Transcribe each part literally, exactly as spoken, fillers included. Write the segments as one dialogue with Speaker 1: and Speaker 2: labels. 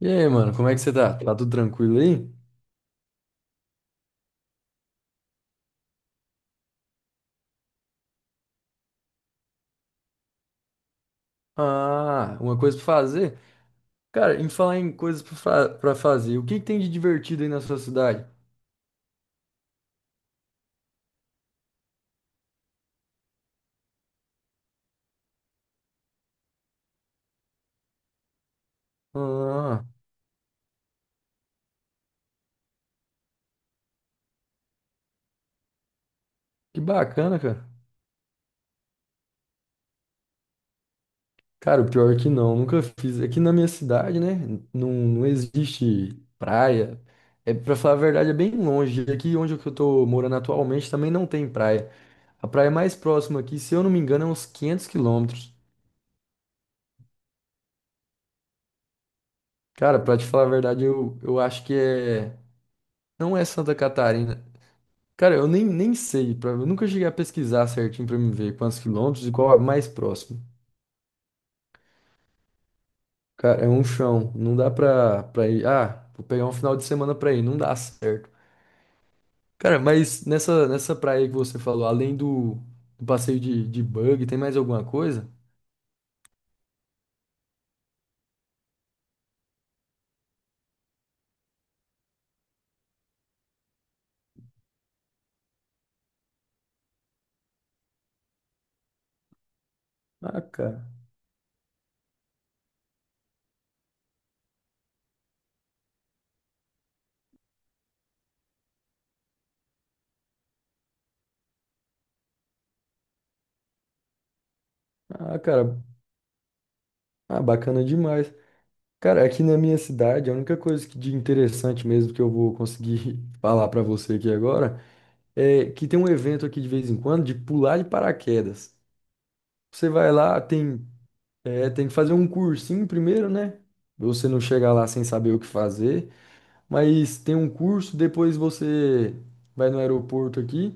Speaker 1: E aí, mano, como é que você tá? Tá tudo tranquilo aí? Ah, uma coisa pra fazer? Cara, em falar em coisas pra, fa- pra fazer, o que que tem de divertido aí na sua cidade? Ah, que bacana, cara. Cara, o pior é que não, nunca fiz. Aqui na minha cidade, né? Não, não existe praia. É, pra falar a verdade, é bem longe. Aqui onde eu que eu tô morando atualmente também não tem praia. A praia mais próxima aqui, se eu não me engano, é uns quinhentos quilômetros. Cara, pra te falar a verdade, eu, eu acho que é. Não é Santa Catarina. Cara, eu nem, nem sei, pra, eu nunca cheguei a pesquisar certinho pra me ver quantos quilômetros e qual é o mais próximo. Cara, é um chão, não dá pra, pra ir. Ah, vou pegar um final de semana pra ir, não dá certo. Cara, mas nessa, nessa praia aí que você falou, além do, do passeio de, de bug, tem mais alguma coisa? Ah, cara, ah, cara, ah, bacana demais. Cara, aqui na minha cidade, a única coisa que de interessante mesmo que eu vou conseguir falar pra você aqui agora é que tem um evento aqui de vez em quando de pular de paraquedas. Você vai lá, tem, é, tem que fazer um cursinho primeiro, né? Você não chega lá sem saber o que fazer, mas tem um curso, depois você vai no aeroporto aqui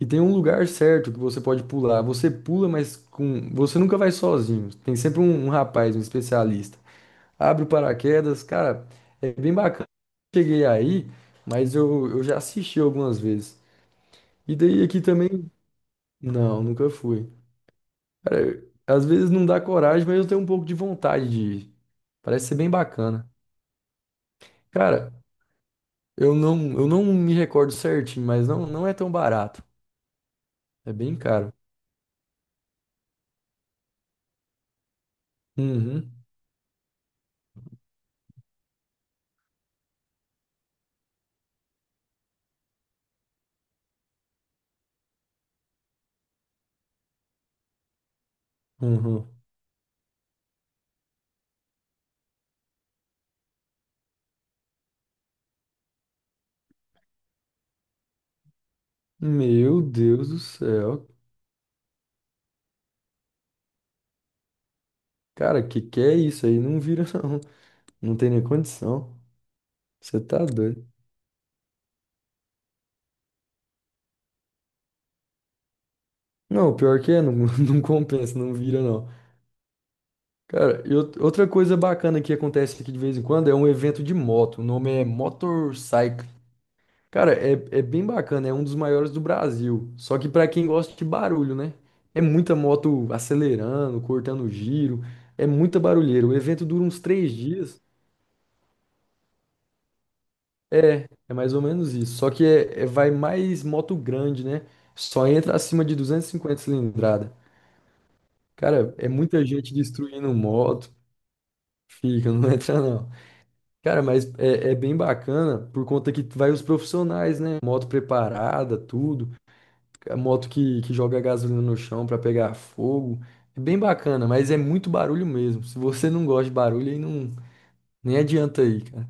Speaker 1: e tem um lugar certo que você pode pular. Você pula, mas com, você nunca vai sozinho. Tem sempre um, um rapaz, um especialista. Abre o paraquedas, cara, é bem bacana. Cheguei aí, mas eu, eu já assisti algumas vezes. E daí aqui também, não, nunca fui. Cara, às vezes não dá coragem, mas eu tenho um pouco de vontade de ir. Parece ser bem bacana. Cara, eu não, eu não me recordo certinho, mas não, não é tão barato. É bem caro. Uhum, uhum. Meu Deus do céu. Cara, que que é isso aí? Não vira, não. Não tem nem condição. Você tá doido. Não, pior que é, não, não compensa, não vira, não. Cara, e out- outra coisa bacana que acontece aqui de vez em quando é um evento de moto. O nome é Motorcycle. Cara, é, é bem bacana, é um dos maiores do Brasil. Só que pra quem gosta de barulho, né? É muita moto acelerando, cortando giro, é muita barulheira. O evento dura uns três dias. É, é mais ou menos isso. Só que é, é- vai mais moto grande, né? Só entra acima de duzentos e cinquenta cilindrada. Cara, é muita gente destruindo moto. Fica, não entra não. Cara, mas é, é bem bacana por conta que vai os profissionais, né? Moto preparada, tudo. A moto que, que joga gasolina no chão pra pegar fogo. É bem bacana, mas é muito barulho mesmo. Se você não gosta de barulho, aí não, nem adianta aí, cara.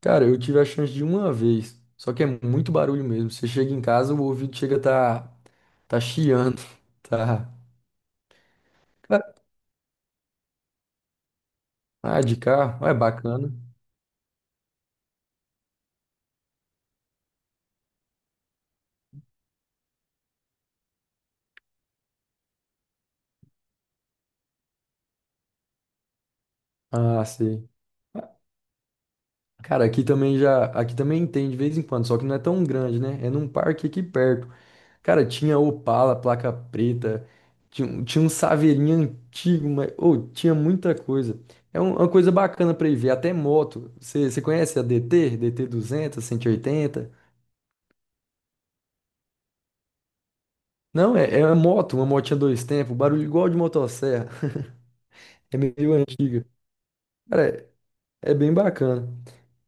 Speaker 1: Cara, eu tive a chance de uma vez, só que é muito barulho mesmo. Você chega em casa, o ouvido chega a tá, tá chiando, tá. Ah, de carro, ah, é bacana. Ah, sei. Cara, aqui também já, aqui também tem de vez em quando, só que não é tão grande, né? É num parque aqui perto. Cara, tinha Opala, placa preta, tinha, um- tinha um saveirinho antigo, mas ô, tinha muita coisa. É um- uma coisa bacana pra ir ver, até moto. Você você conhece a D T? D T duzentos, cento e oitenta? Não, é, é uma moto, uma motinha dois tempos, barulho igual de motosserra. É meio antiga. Cara, é é bem bacana.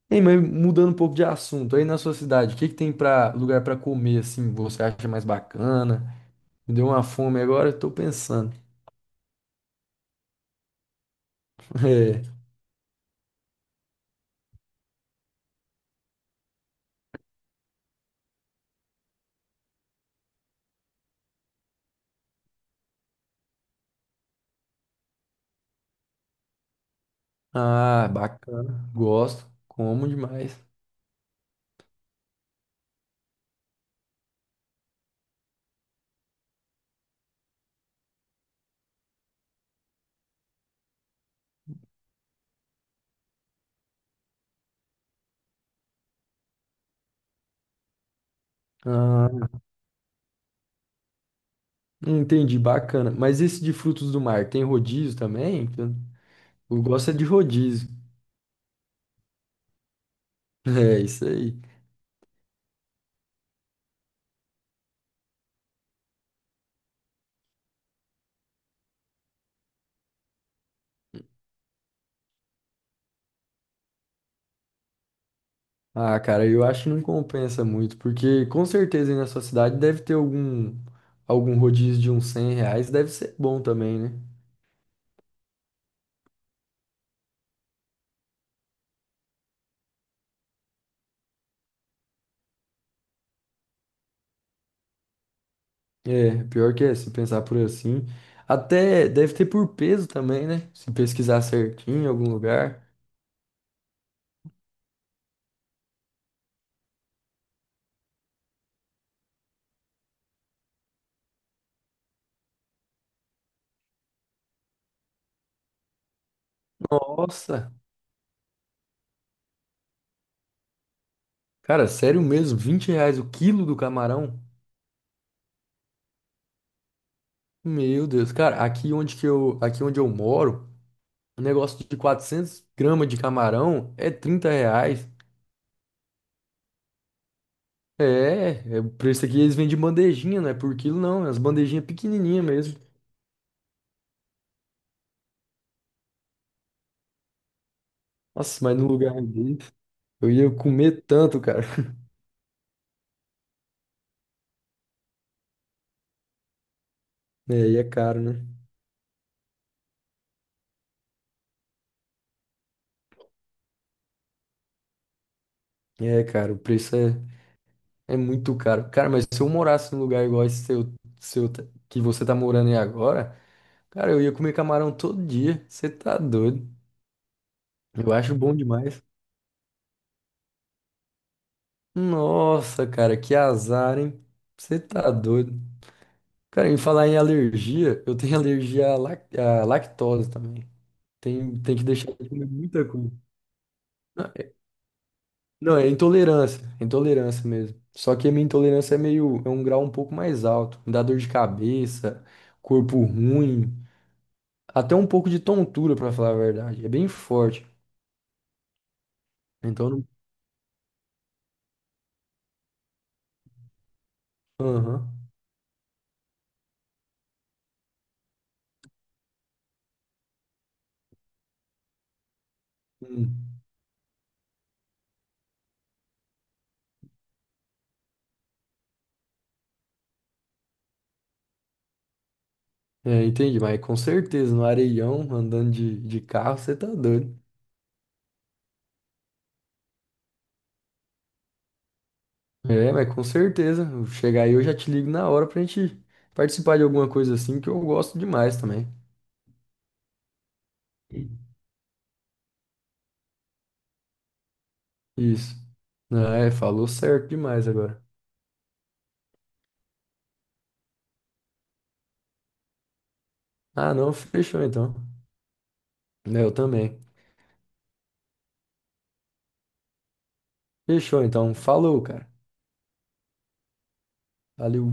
Speaker 1: Ei, mas mudando um pouco de assunto, aí na sua cidade, o que que tem para lugar para comer assim, você acha mais bacana? Me deu uma fome agora, eu tô pensando. É. Ah, bacana. Gosto, como demais. Ah, entendi, bacana. Mas esse de frutos do mar tem rodízio também? Eu gosto é de rodízio. É isso aí. Ah, cara, eu acho que não compensa muito, porque com certeza aí na sua cidade deve ter algum algum rodízio de uns cem reais, deve ser bom também, né? É, pior que é, se pensar por assim. Até deve ter por peso também, né? Se pesquisar certinho em algum lugar. Nossa! Cara, sério mesmo, vinte reais o quilo do camarão? Meu Deus, cara, aqui onde que eu, aqui onde eu moro, um negócio de quatrocentos gramas de camarão é trinta reais. É, é o preço aqui eles vendem bandejinha, não é por quilo não, é as bandejinhas pequenininhas mesmo. Nossa, mas no lugar dele eu ia comer tanto, cara. É, e é caro, né? É, cara, o preço é é muito caro. Cara, mas se eu morasse num lugar igual esse seu, seu t- que você tá morando aí agora, cara, eu ia comer camarão todo dia. Você tá doido? Eu acho bom demais. Nossa, cara, que azar, hein? Você tá doido. Cara, em falar em alergia, eu tenho alergia à, lac- à lactose também. Tem, tem que deixar de comer muita coisa. Não, é intolerância, é intolerância mesmo. Só que a minha intolerância é meio, é um grau um pouco mais alto. Me dá dor de cabeça, corpo ruim. Até um pouco de tontura, pra falar a verdade. É bem forte. Então, não- aham. Hum. É, entendi, mas com certeza, no areião, andando de, de carro, você tá doido. É, mas com certeza. Eu chegar aí, eu já te ligo na hora pra gente participar de alguma coisa assim, que eu gosto demais também. Isso. Ah, é, falou certo demais agora. Ah, não, fechou então. É, eu também. Fechou então. Falou, cara. Valeu.